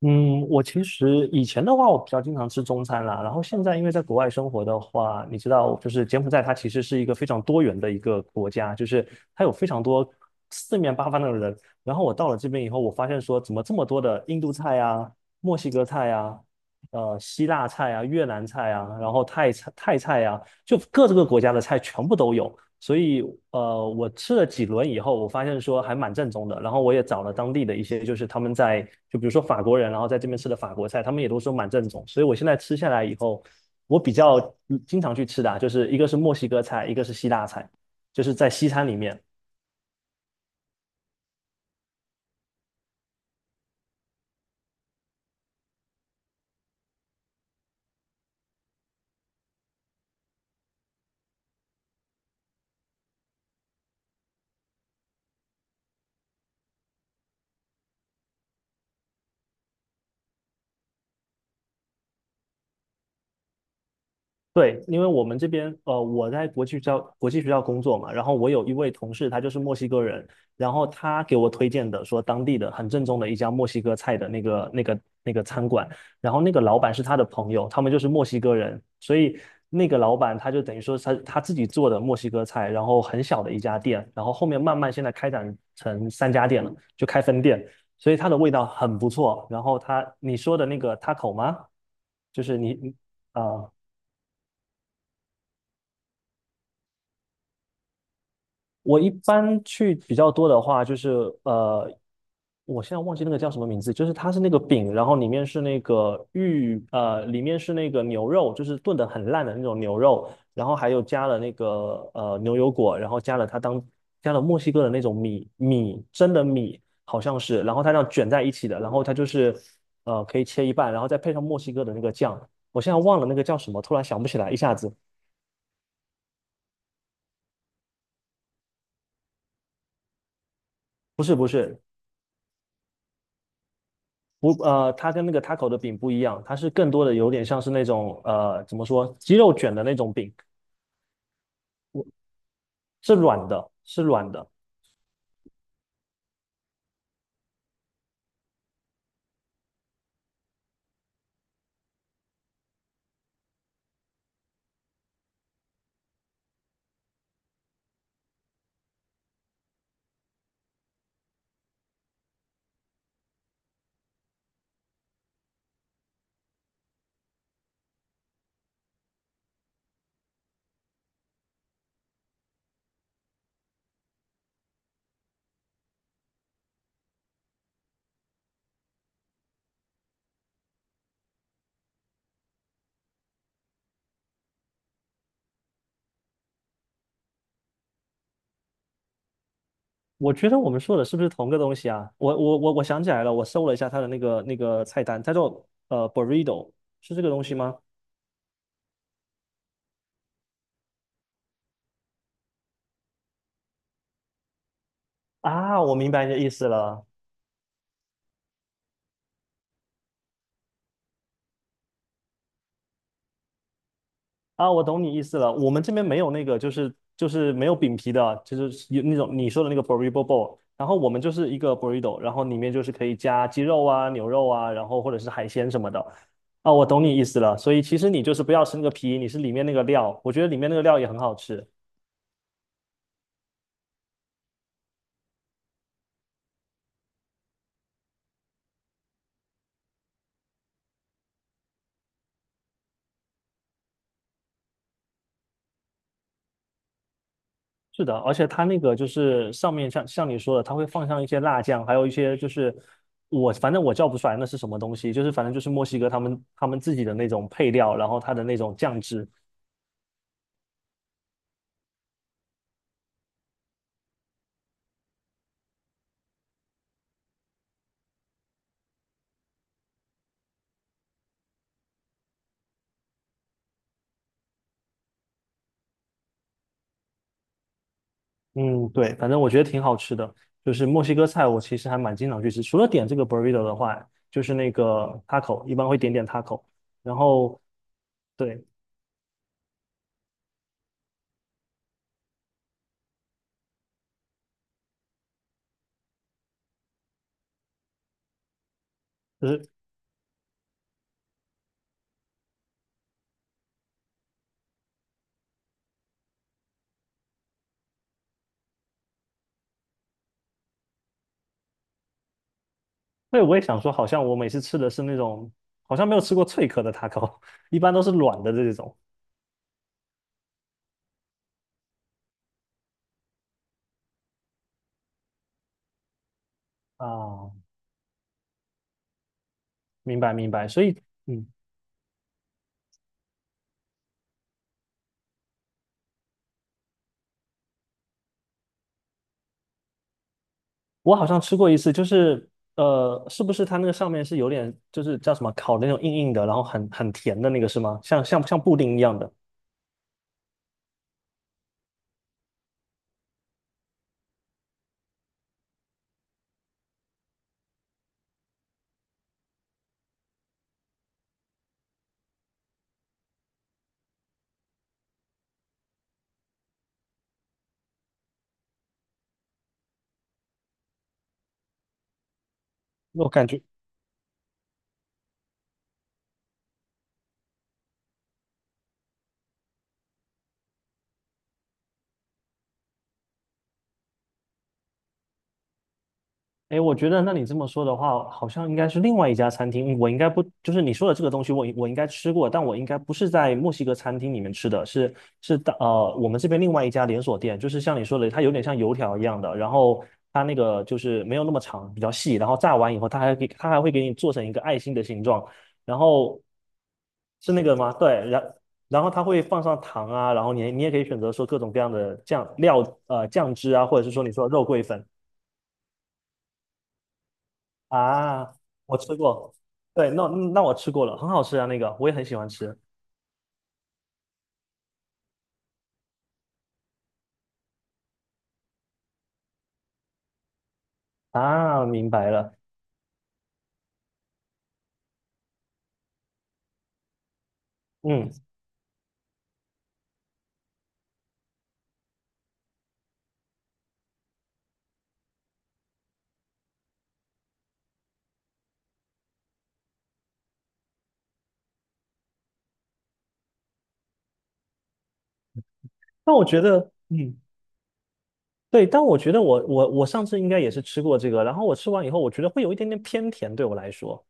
嗯，我其实以前的话，我比较经常吃中餐啦。然后现在因为在国外生活的话，你知道，就是柬埔寨它其实是一个非常多元的一个国家，就是它有非常多四面八方的人。然后我到了这边以后，我发现说，怎么这么多的印度菜啊、墨西哥菜啊、希腊菜啊、越南菜啊，然后泰菜啊，就各这个国家的菜全部都有。所以我吃了几轮以后，我发现说还蛮正宗的。然后我也找了当地的一些，就是他们在就比如说法国人，然后在这边吃的法国菜，他们也都说蛮正宗。所以我现在吃下来以后，我比较经常去吃的啊，就是一个是墨西哥菜，一个是希腊菜，就是在西餐里面。对，因为我们这边，我在国际学校工作嘛，然后我有一位同事，他就是墨西哥人，然后他给我推荐的，说当地的很正宗的一家墨西哥菜的那个餐馆，然后那个老板是他的朋友，他们就是墨西哥人，所以那个老板他就等于说他自己做的墨西哥菜，然后很小的一家店，然后后面慢慢现在开展成三家店了，就开分店，所以它的味道很不错。然后他你说的那个 taco 吗？就是你嗯啊。我一般去比较多的话，就是呃，我现在忘记那个叫什么名字，就是它是那个饼，然后里面是那个玉，里面是那个牛肉，就是炖的很烂的那种牛肉，然后还有加了那个牛油果，然后加了它当加了墨西哥的那种米蒸的米，好像是，然后它这样卷在一起的，然后它就是可以切一半，然后再配上墨西哥的那个酱，我现在忘了那个叫什么，突然想不起来，一下子。不是，不，它跟那个 taco 的饼不一样，它是更多的有点像是那种怎么说，鸡肉卷的那种饼，是软的，是软的。我觉得我们说的是不是同个东西啊？我想起来了，我搜了一下它的那个菜单，它叫burrito，是这个东西吗？啊，我明白你的意思了。啊，我懂你意思了。我们这边没有那个，就是没有饼皮的，就是有那种你说的那个 burrito bowl。然后我们就是一个 burrito，然后里面就是可以加鸡肉啊、牛肉啊，然后或者是海鲜什么的。啊，我懂你意思了。所以其实你就是不要吃那个皮，你是里面那个料。我觉得里面那个料也很好吃。是的，而且它那个就是上面像你说的，它会放上一些辣酱，还有一些就是我反正我叫不出来那是什么东西，就是反正就是墨西哥他们自己的那种配料，然后它的那种酱汁。嗯，对，反正我觉得挺好吃的。就是墨西哥菜，我其实还蛮经常去吃。除了点这个 burrito 的话，就是那个 taco，一般会点taco。然后，对，就是对，我也想说，好像我每次吃的是那种，好像没有吃过脆壳的 taco，一般都是软的这种。啊，明白明白。所以，嗯，我好像吃过一次，就是是不是它那个上面是有点，就是叫什么烤的那种硬硬的，然后很甜的那个是吗？像布丁一样的，我感觉。哎，我觉得那你这么说的话，好像应该是另外一家餐厅。我应该不，就是你说的这个东西我，我应该吃过，但我应该不是在墨西哥餐厅里面吃的，是是的，我们这边另外一家连锁店，就是像你说的，它有点像油条一样的，然后它那个就是没有那么长，比较细，然后炸完以后，它还会给你做成一个爱心的形状，然后是那个吗？对，然然后它会放上糖啊，然后你也可以选择说各种各样的酱料，酱汁啊，或者是说你说的肉桂粉。啊，我吃过，对，那那我吃过了，很好吃啊，那个我也很喜欢吃啊，明白了，嗯，但我觉得，嗯，对，但我觉得我上次应该也是吃过这个，然后我吃完以后，我觉得会有一点点偏甜，对我来说，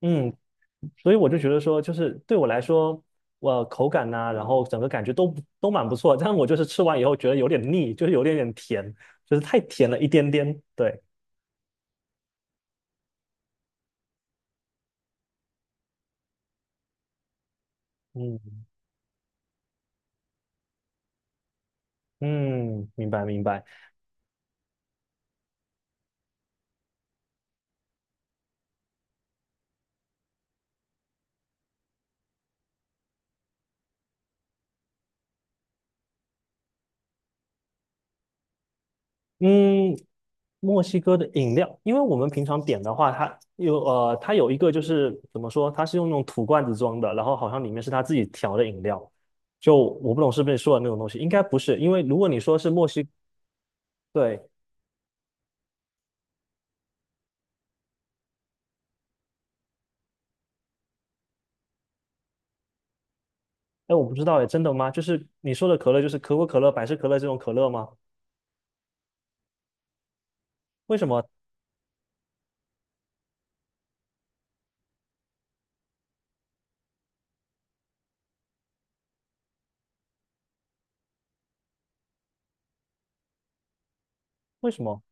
嗯，所以我就觉得说，就是对我来说，我口感呐、然后整个感觉都不都蛮不错，但我就是吃完以后觉得有点腻，就是有点点甜，就是太甜了一点点，对，嗯嗯，明白明白。嗯，墨西哥的饮料，因为我们平常点的话，它有它有一个就是怎么说，它是用那种土罐子装的，然后好像里面是它自己调的饮料，就我不懂是不是说的那种东西，应该不是，因为如果你说是墨西，对，哎，我不知道哎，真的吗？就是你说的可乐，就是可口可乐、百事可乐这种可乐吗？为什么？为什么？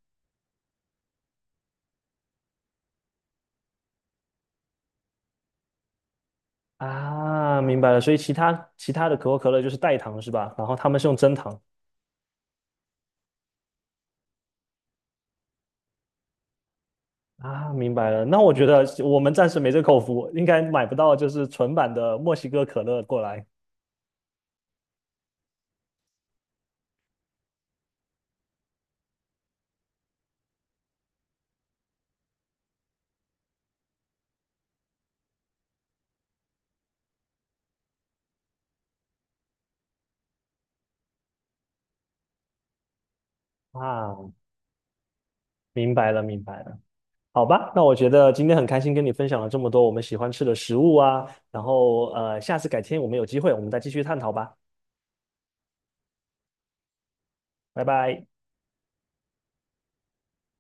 啊，明白了，所以其他的可口可乐就是代糖是吧？然后他们是用真糖，啊，明白了。那我觉得我们暂时没这口福，应该买不到就是纯版的墨西哥可乐过来啊。明白了，明白了。好吧，那我觉得今天很开心跟你分享了这么多我们喜欢吃的食物啊，然后下次改天我们有机会我们再继续探讨吧，拜拜。